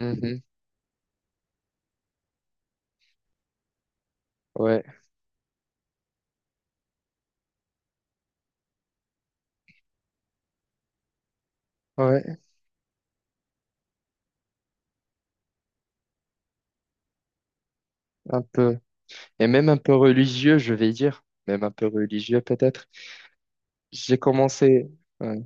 Mhm. Ouais, ouais, un peu. Et même un peu religieux, je vais dire. Même un peu religieux, peut-être. J'ai commencé. Ouais.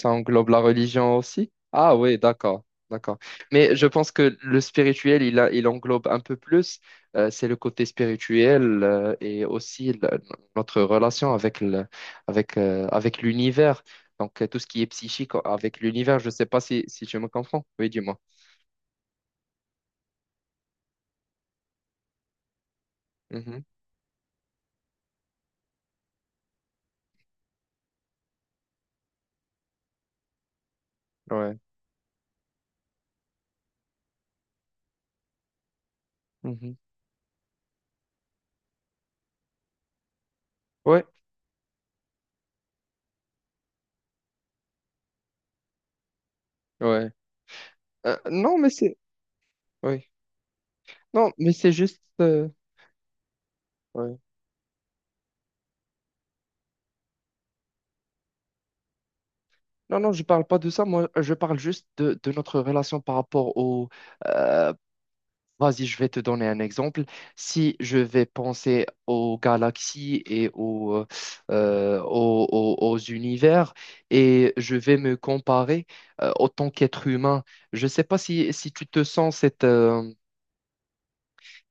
Ça englobe la religion aussi? Ah oui, d'accord, d'accord. Mais je pense que le spirituel, il englobe un peu plus. C'est le côté spirituel et aussi notre relation avec avec, avec l'univers. Donc, tout ce qui est psychique avec l'univers. Je ne sais pas si tu me comprends. Oui, dis-moi. Mhm. Ouais. Mhm. Ouais. Ouais. Non, mais c'est oui. Non, mais c'est juste. Ouais. Non, non, je parle pas de ça. Moi, je parle juste de notre relation par rapport au. euh, Vas-y, je vais te donner un exemple. Si je vais penser aux galaxies et aux, aux univers et je vais me comparer en tant qu'être humain, je sais pas si tu te sens cette. euh,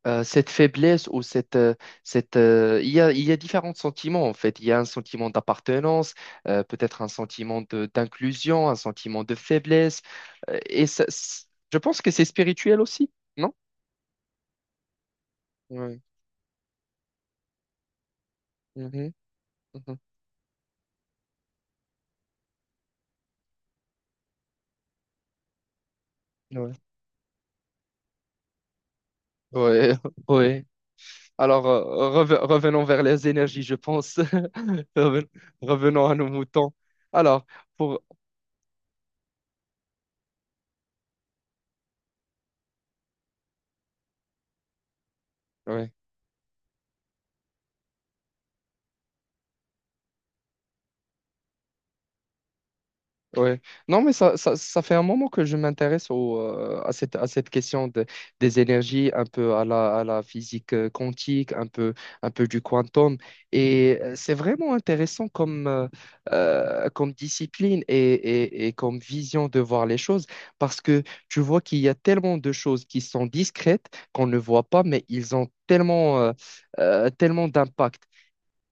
euh, Cette faiblesse ou cette, il y a différents sentiments en fait. Il y a un sentiment d'appartenance, peut-être un sentiment d'inclusion, un sentiment de faiblesse. Euh, et ça, c- je pense que c'est spirituel aussi, non? Ouais. Mhm. Mhm. Ouais. Ouais. Ouais. Alors, revenons vers les énergies, je pense. Reven- Revenons à nos moutons. Alors, pour... ouais. Ouais. Non, mais ça fait un moment que je m'intéresse au, à cette question des énergies, un peu à la physique quantique, un peu du quantum. Et c'est vraiment intéressant comme, comme discipline et comme vision de voir les choses parce que tu vois qu'il y a tellement de choses qui sont discrètes qu'on ne voit pas, mais ils ont tellement, tellement d'impact.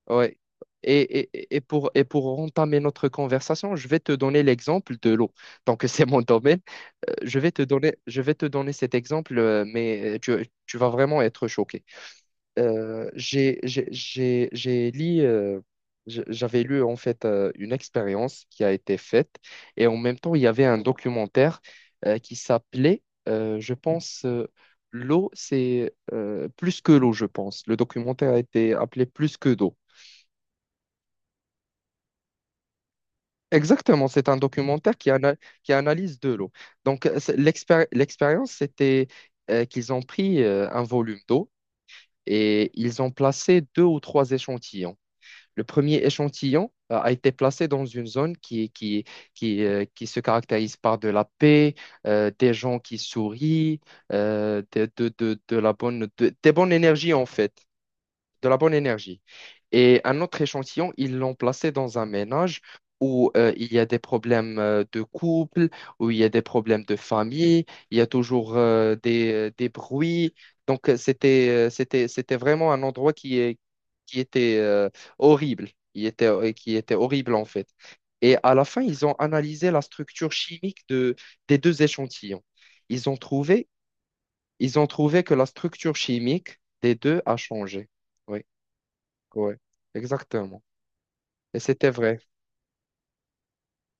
Ouais. Et pour entamer notre conversation, je vais te donner l'exemple de l'eau. Donc, c'est mon domaine. Je vais te donner cet exemple, tu vas vraiment être choqué. J'ai lu, j'avais lu en fait une expérience qui a été faite et en même temps, il y avait un documentaire qui s'appelait, je pense, L'eau, c'est plus que l'eau, je pense. Le documentaire a été appelé Plus que d'eau. Exactement, c'est un documentaire qui analyse de l'eau. Donc, l'expérience, c'était qu'ils ont pris un volume d'eau et ils ont placé deux ou trois échantillons. Le premier échantillon a été placé dans une zone qui se caractérise par de la paix, des gens qui sourient, de la bonne, de- des bonnes énergies en fait de la bonne énergie. Et un autre échantillon, ils l'ont placé dans un ménage où il y a des problèmes de couple, où il y a des problèmes de famille, il y a toujours des bruits. Donc, c'était vraiment un endroit qui était horrible, qui était horrible en fait. Et à la fin, ils ont analysé la structure chimique des deux échantillons. Ils ont trouvé, ils ont trouvé que la structure chimique des deux a changé. Oui, ouais, exactement. Et c'était vrai,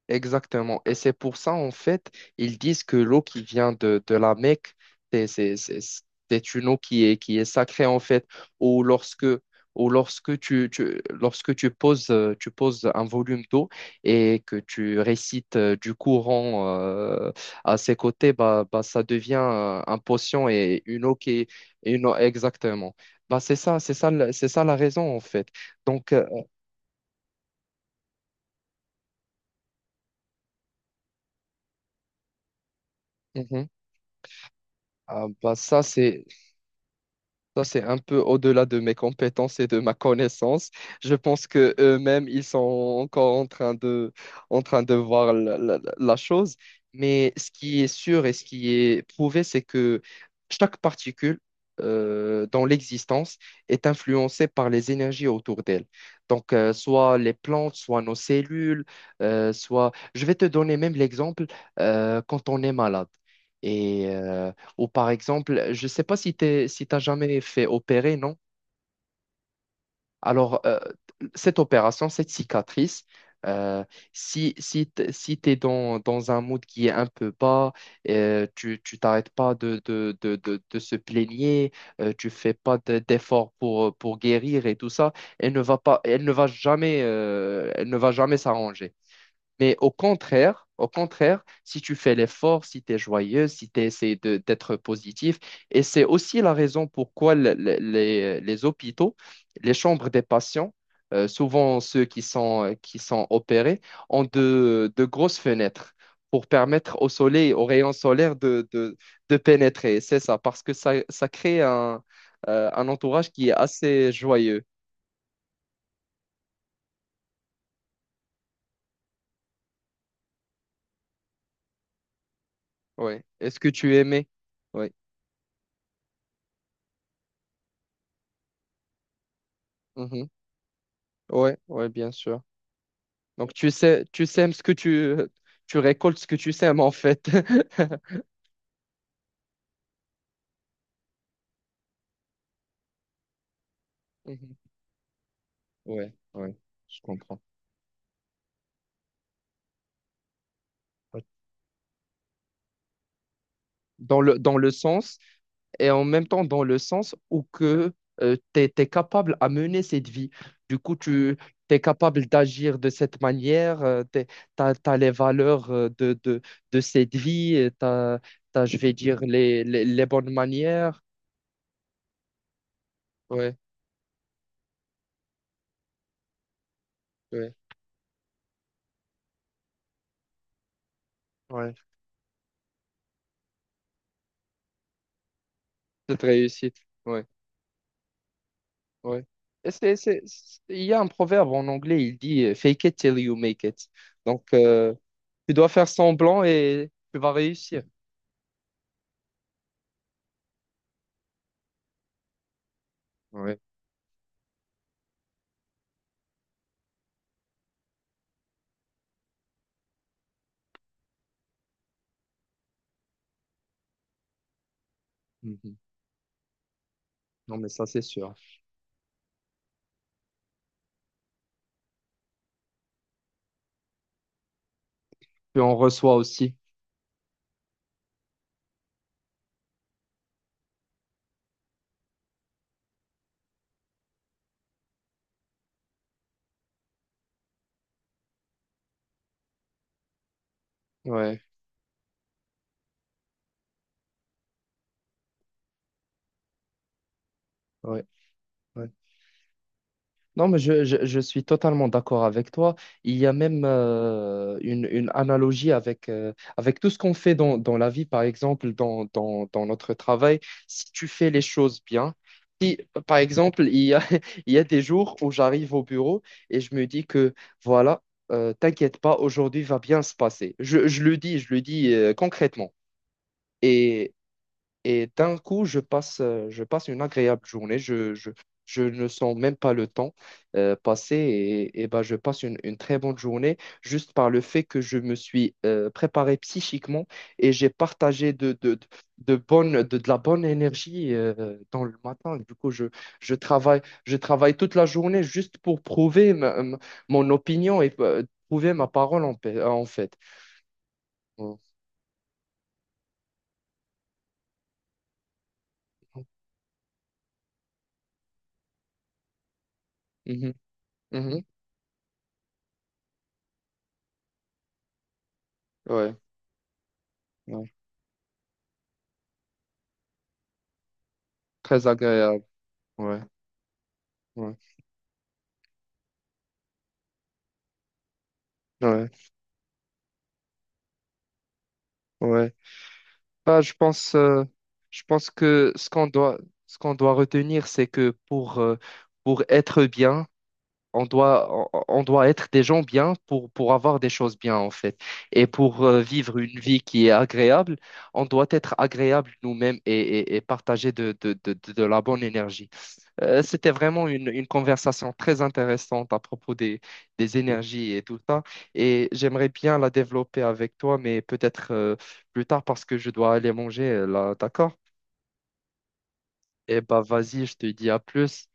exactement. Et c'est pour ça, en fait, ils disent que l'eau qui vient de la Mecque, c'est c'est- c'est- c'est une eau qui est sacrée, en fait, ou lorsque, lorsque tu poses un volume d'eau et que tu récites du courant à ses côtés, bah, ça devient un potion et une eau qui est une eau, exactement. C'est ça, c'est ça la raison, en fait. Donc, euh, Ah bah ça c'est ça c'est un peu au-delà de mes compétences et de ma connaissance. Je pense que eux-mêmes ils sont encore en train de voir la, la chose. Mais ce qui est sûr et ce qui est prouvé, c'est que chaque particule dans l'existence est influencée par les énergies autour d'elle. Donc soit les plantes, soit nos cellules, soit je vais te donner même l'exemple quand on est malade. Et ou par exemple, je ne sais pas si t'as jamais fait opérer, non? Alors, cette opération, cette cicatrice, euh, si tu es dans un mood qui est un peu bas, tu t'arrêtes pas de se plaigner, tu fais pas d'efforts pour guérir et tout ça, elle ne va pas, elle ne va jamais, elle ne va jamais s'arranger. Mais au contraire, si tu fais l'effort, si tu es joyeux, si tu essaies de, d'être positif, et c'est aussi la raison pourquoi les hôpitaux, les chambres des patients, souvent ceux qui sont opérés, ont de grosses fenêtres pour permettre au soleil, aux rayons solaires de pénétrer. C'est ça, parce que ça crée un entourage qui est assez joyeux. Ouais. Est-ce que tu aimais? Oui. Mhm. Ouais, bien sûr. Donc, tu sais, tu sèmes ce que tu récoltes ce que tu sèmes, en fait. Mhm. Ouais, je comprends. Ouais. Dans dans le sens, et en même temps dans le sens où que tu es, capable à mener cette vie. Du coup, tu es capable d'agir de cette manière, tu as, les valeurs de cette vie, tu as, je vais dire, les bonnes manières. Ouais, ouais, ouais. Cette réussite. Ouais. Ouais. Et il y a un proverbe en anglais, il dit fake it till you make it. Donc, tu dois faire semblant et tu vas réussir. Ouais. Mhm. Non, mais ça, c'est sûr. Puis on reçoit aussi. Ouais, ouais, ouais. Non, mais je suis totalement d'accord avec toi. Il y a même une analogie avec, avec tout ce qu'on fait dans, la vie, par exemple, dans notre travail. Si tu fais les choses bien, si, par exemple, il y a des jours où j'arrive au bureau et je me dis que, voilà, t'inquiète pas, aujourd'hui va bien se passer. Je le dis concrètement. Et d'un coup, je passe une agréable journée. Je ne sens même pas le temps passer et ben, je passe une très bonne journée juste par le fait que je me suis préparé psychiquement et j'ai partagé de la bonne énergie dans le matin. Du coup, je, je travaille toute la journée juste pour prouver mon opinion et prouver ma parole en, en fait. Mhm, mhm, ouais, ouais. Très agréable. Ouais. Ouais, ouais, ouais. Bah, je pense que ce qu'on doit, Ce qu'on doit retenir, c'est que pour être bien, on doit, on doit être des gens bien pour avoir des choses bien, en fait. Et pour vivre une vie qui est agréable, on doit être agréable nous-mêmes et partager de la bonne énergie. Une conversation très intéressante à propos des énergies et tout ça. Et j'aimerais bien la développer avec toi, mais peut-être plus tard parce que je dois aller manger là, d'accord? Eh bah vas-y, je te dis à plus.